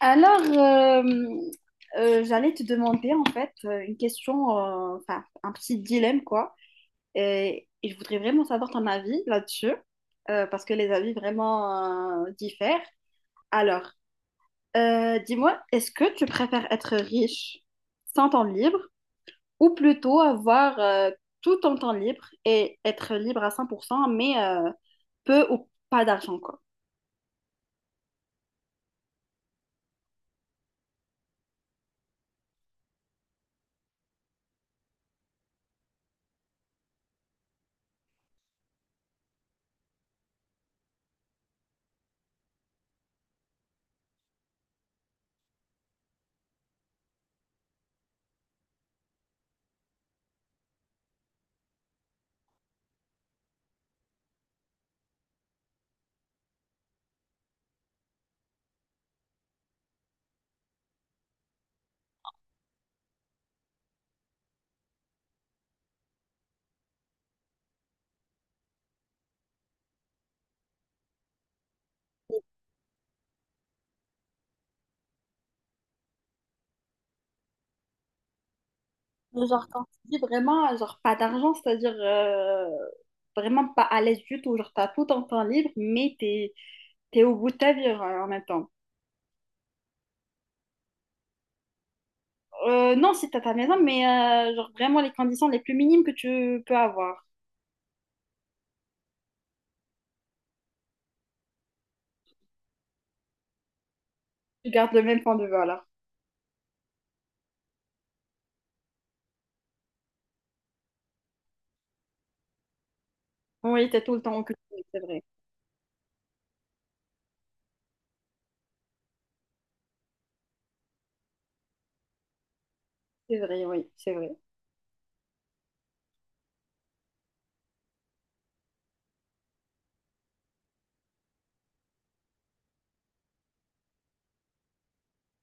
Alors, euh, j'allais te demander en fait une question, enfin un petit dilemme quoi, et je voudrais vraiment savoir ton avis là-dessus, parce que les avis vraiment diffèrent. Alors, Dis-moi, est-ce que tu préfères être riche sans temps libre ou plutôt avoir tout ton temps libre et être libre à 100% mais peu ou pas d'argent quoi? Genre, quand tu dis vraiment, genre, pas d'argent, c'est-à-dire vraiment pas à l'aise du tout. Genre, t'as tout ton temps libre, mais t'es au bout de ta vie en même temps. Non, si t'as ta maison, mais genre, vraiment les conditions les plus minimes que tu peux avoir. Tu gardes le même point de vue, alors. Oui, t'es tout le temps occupé, c'est vrai. C'est vrai, oui, c'est vrai.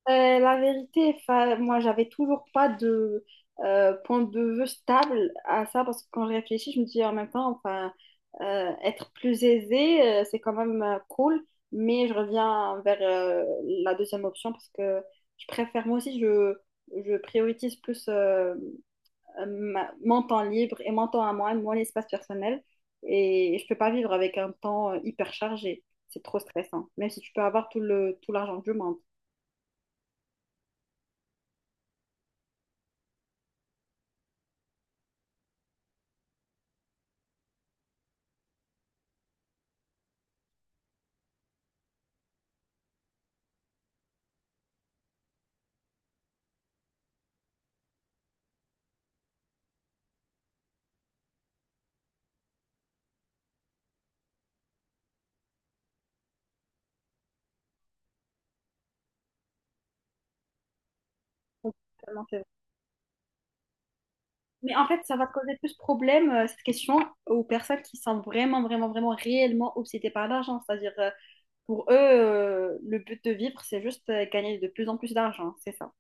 La vérité, enfin, moi, j'avais toujours pas de point de vue stable à ça parce que quand je réfléchis, je me dis en même temps, enfin, être plus aisé, c'est quand même cool, mais je reviens vers la deuxième option parce que je préfère, moi aussi, je priorise plus mon temps libre et mon temps à moi, mon espace personnel, et je peux pas vivre avec un temps hyper chargé. C'est trop stressant, même si tu peux avoir tout l'argent du monde. Vraiment, mais en fait, ça va te causer plus de problèmes, cette question, aux personnes qui sont vraiment, vraiment, vraiment réellement obsédées par l'argent. C'est-à-dire, pour eux, le but de vivre, c'est juste gagner de plus en plus d'argent. C'est ça.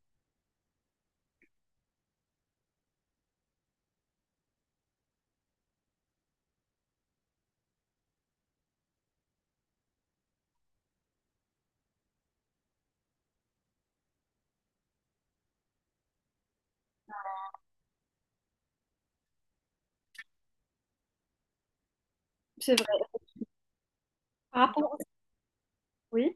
C'est vrai. Par rapport... au- Oui.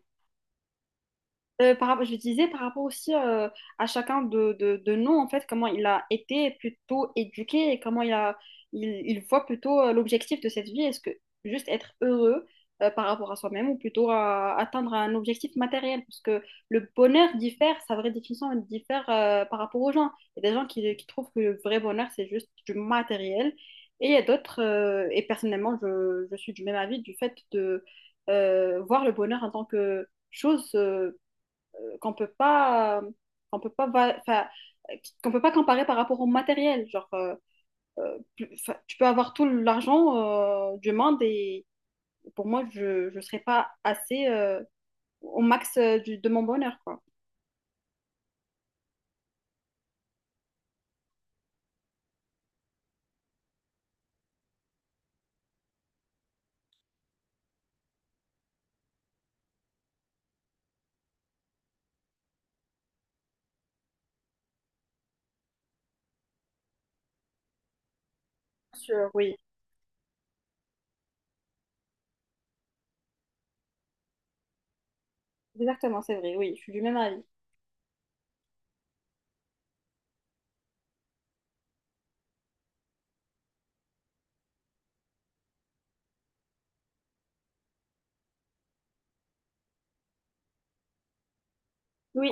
Je disais par rapport aussi à chacun de nous, en fait, comment il a été plutôt éduqué et comment il voit plutôt l'objectif de cette vie. Est-ce que juste être heureux par rapport à soi-même ou plutôt à atteindre un objectif matériel? Parce que le bonheur diffère, sa vraie définition elle diffère par rapport aux gens. Il y a des gens qui trouvent que le vrai bonheur, c'est juste du matériel. Et il y a d'autres, et personnellement, je suis du même avis du fait de voir le bonheur en tant que chose. Qu'on peut pas, qu'on peut pas enfin, euh, qu'on peut pas comparer par rapport au matériel. Genre, enfin, tu peux avoir tout l'argent du monde et pour moi, je ne serais pas assez au max de mon bonheur, quoi. Bien sûr, oui, exactement, c'est vrai, oui, je suis du même avis. Oui.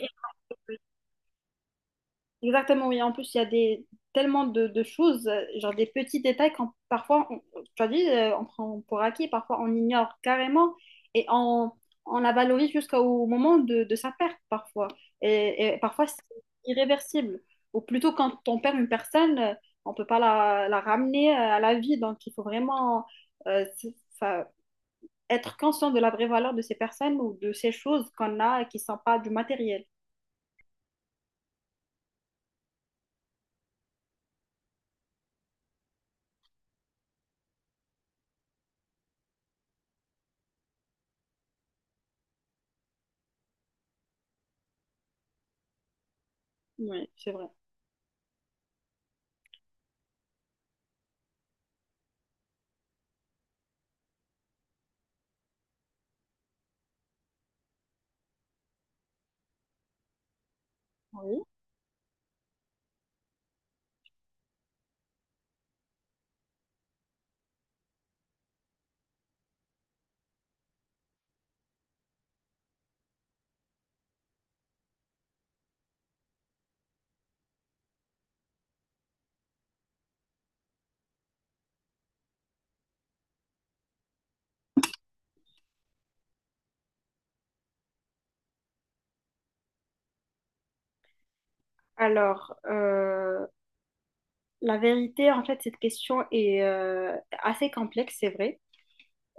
Exactement, oui. En plus, il y a des, tellement de choses, genre des petits détails tu as dit, on prend pour acquis, parfois on ignore carrément et on la valorise jusqu'au moment de sa perte parfois. Et parfois, c'est irréversible. Ou plutôt, quand on perd une personne, on ne peut pas la ramener à la vie. Donc, il faut vraiment euh, c'est- ça- être conscient de la vraie valeur de ces personnes ou de ces choses qu'on a et qui ne sont pas du matériel. Oui, c'est vrai. Oui. Alors, la vérité, en fait, cette question est assez complexe, c'est vrai.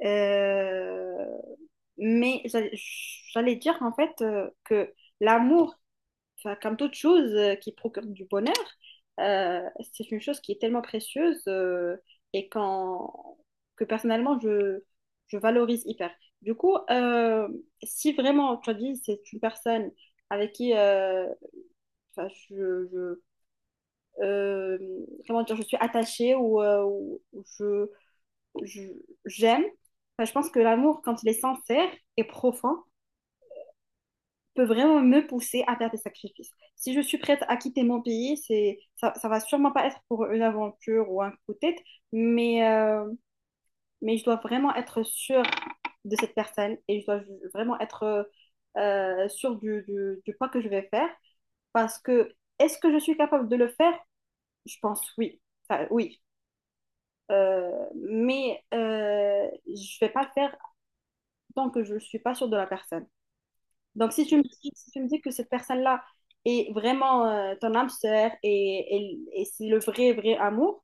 Euh, mais j'a- J'allais dire, en fait, que l'amour, enfin, comme toute chose qui procure du bonheur, euh, c'est une chose qui est tellement précieuse et que personnellement, je valorise hyper. Du coup, si vraiment, tu as dit, c'est une personne avec qui, enfin, euh, comment dire, je suis attachée ou, ou je- j'aime. Enfin, je pense que l'amour, quand il est sincère et profond, peut vraiment me pousser à faire des sacrifices. Si je suis prête à quitter mon pays, ça va sûrement pas être pour une aventure ou un coup de tête, mais, euh, mais je dois vraiment être sûre de cette personne et je dois vraiment être sûre du pas que je vais faire parce que est-ce que je suis capable de le faire? Je pense oui. Enfin, oui. Euh, mais je vais pas le faire tant que je ne suis pas sûre de la personne. Donc, si tu me dis que cette personne-là est vraiment ton âme sœur et c'est le vrai, vrai amour,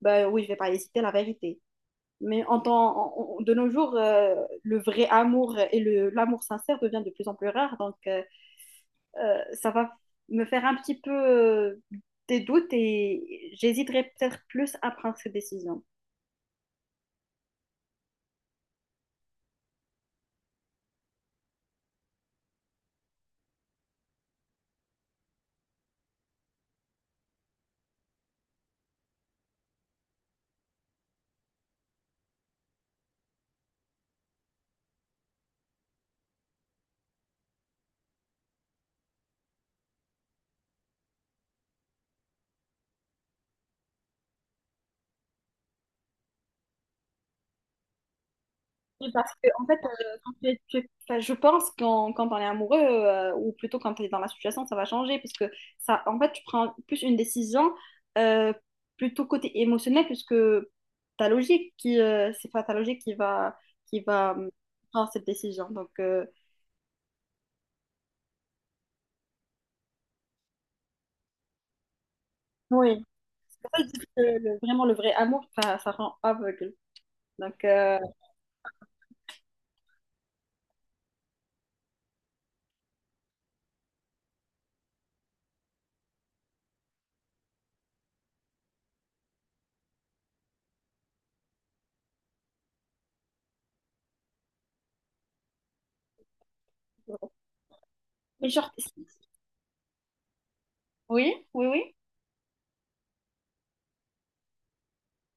ben oui, je vais pas hésiter, la vérité. Mais en temps, en- en- de nos jours, le vrai amour et l'amour sincère devient de plus en plus rare. Donc, ça va me faire un petit peu des doutes et j'hésiterai peut-être plus à prendre cette décision. Oui, parce que, en fait, quand tu es- enfin, je pense quand on est amoureux, ou plutôt quand tu es dans la situation, ça va changer. Parce que, ça, en fait, tu prends plus une décision euh, plutôt côté émotionnel, puisque c'est pas ta logique qui va prendre cette décision. Donc, oui. C'est pour ça que je dis que vraiment le vrai amour, ça rend aveugle. Donc, mais genre, si, oui, oui, oui.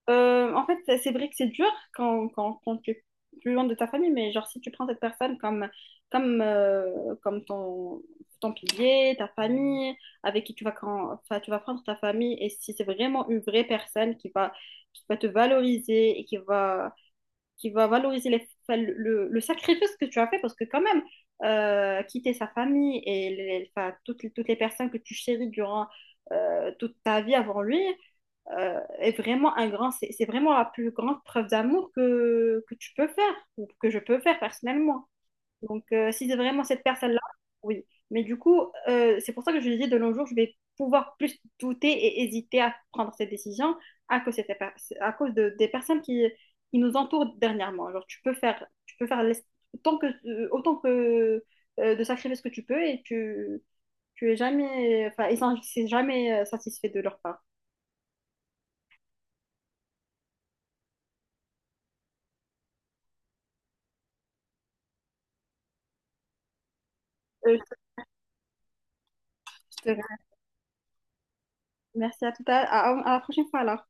En fait, c'est vrai que c'est dur quand tu es plus loin de ta famille, mais genre si tu prends cette personne comme ton pilier, ta famille, avec qui tu enfin, tu vas prendre ta famille, et si c'est vraiment une vraie personne qui va te valoriser et qui va valoriser enfin, le sacrifice que tu as fait, parce que quand même, quitter sa famille et enfin, toutes les personnes que tu chéris durant toute ta vie avant lui, est vraiment un grand, c'est vraiment la plus grande preuve d'amour que tu peux faire, ou que je peux faire personnellement. Donc, si c'est vraiment cette personne-là, oui. Mais du coup, c'est pour ça que je dis de nos jours, je vais pouvoir plus douter et hésiter à prendre cette décision à cause, de cette per- à cause des personnes qui nous entourent dernièrement. Genre, tu peux faire autant que, de sacrifier ce que tu peux et tu es jamais, enfin, c'est jamais satisfait de leur part. Euh, je te Merci à à la prochaine fois alors.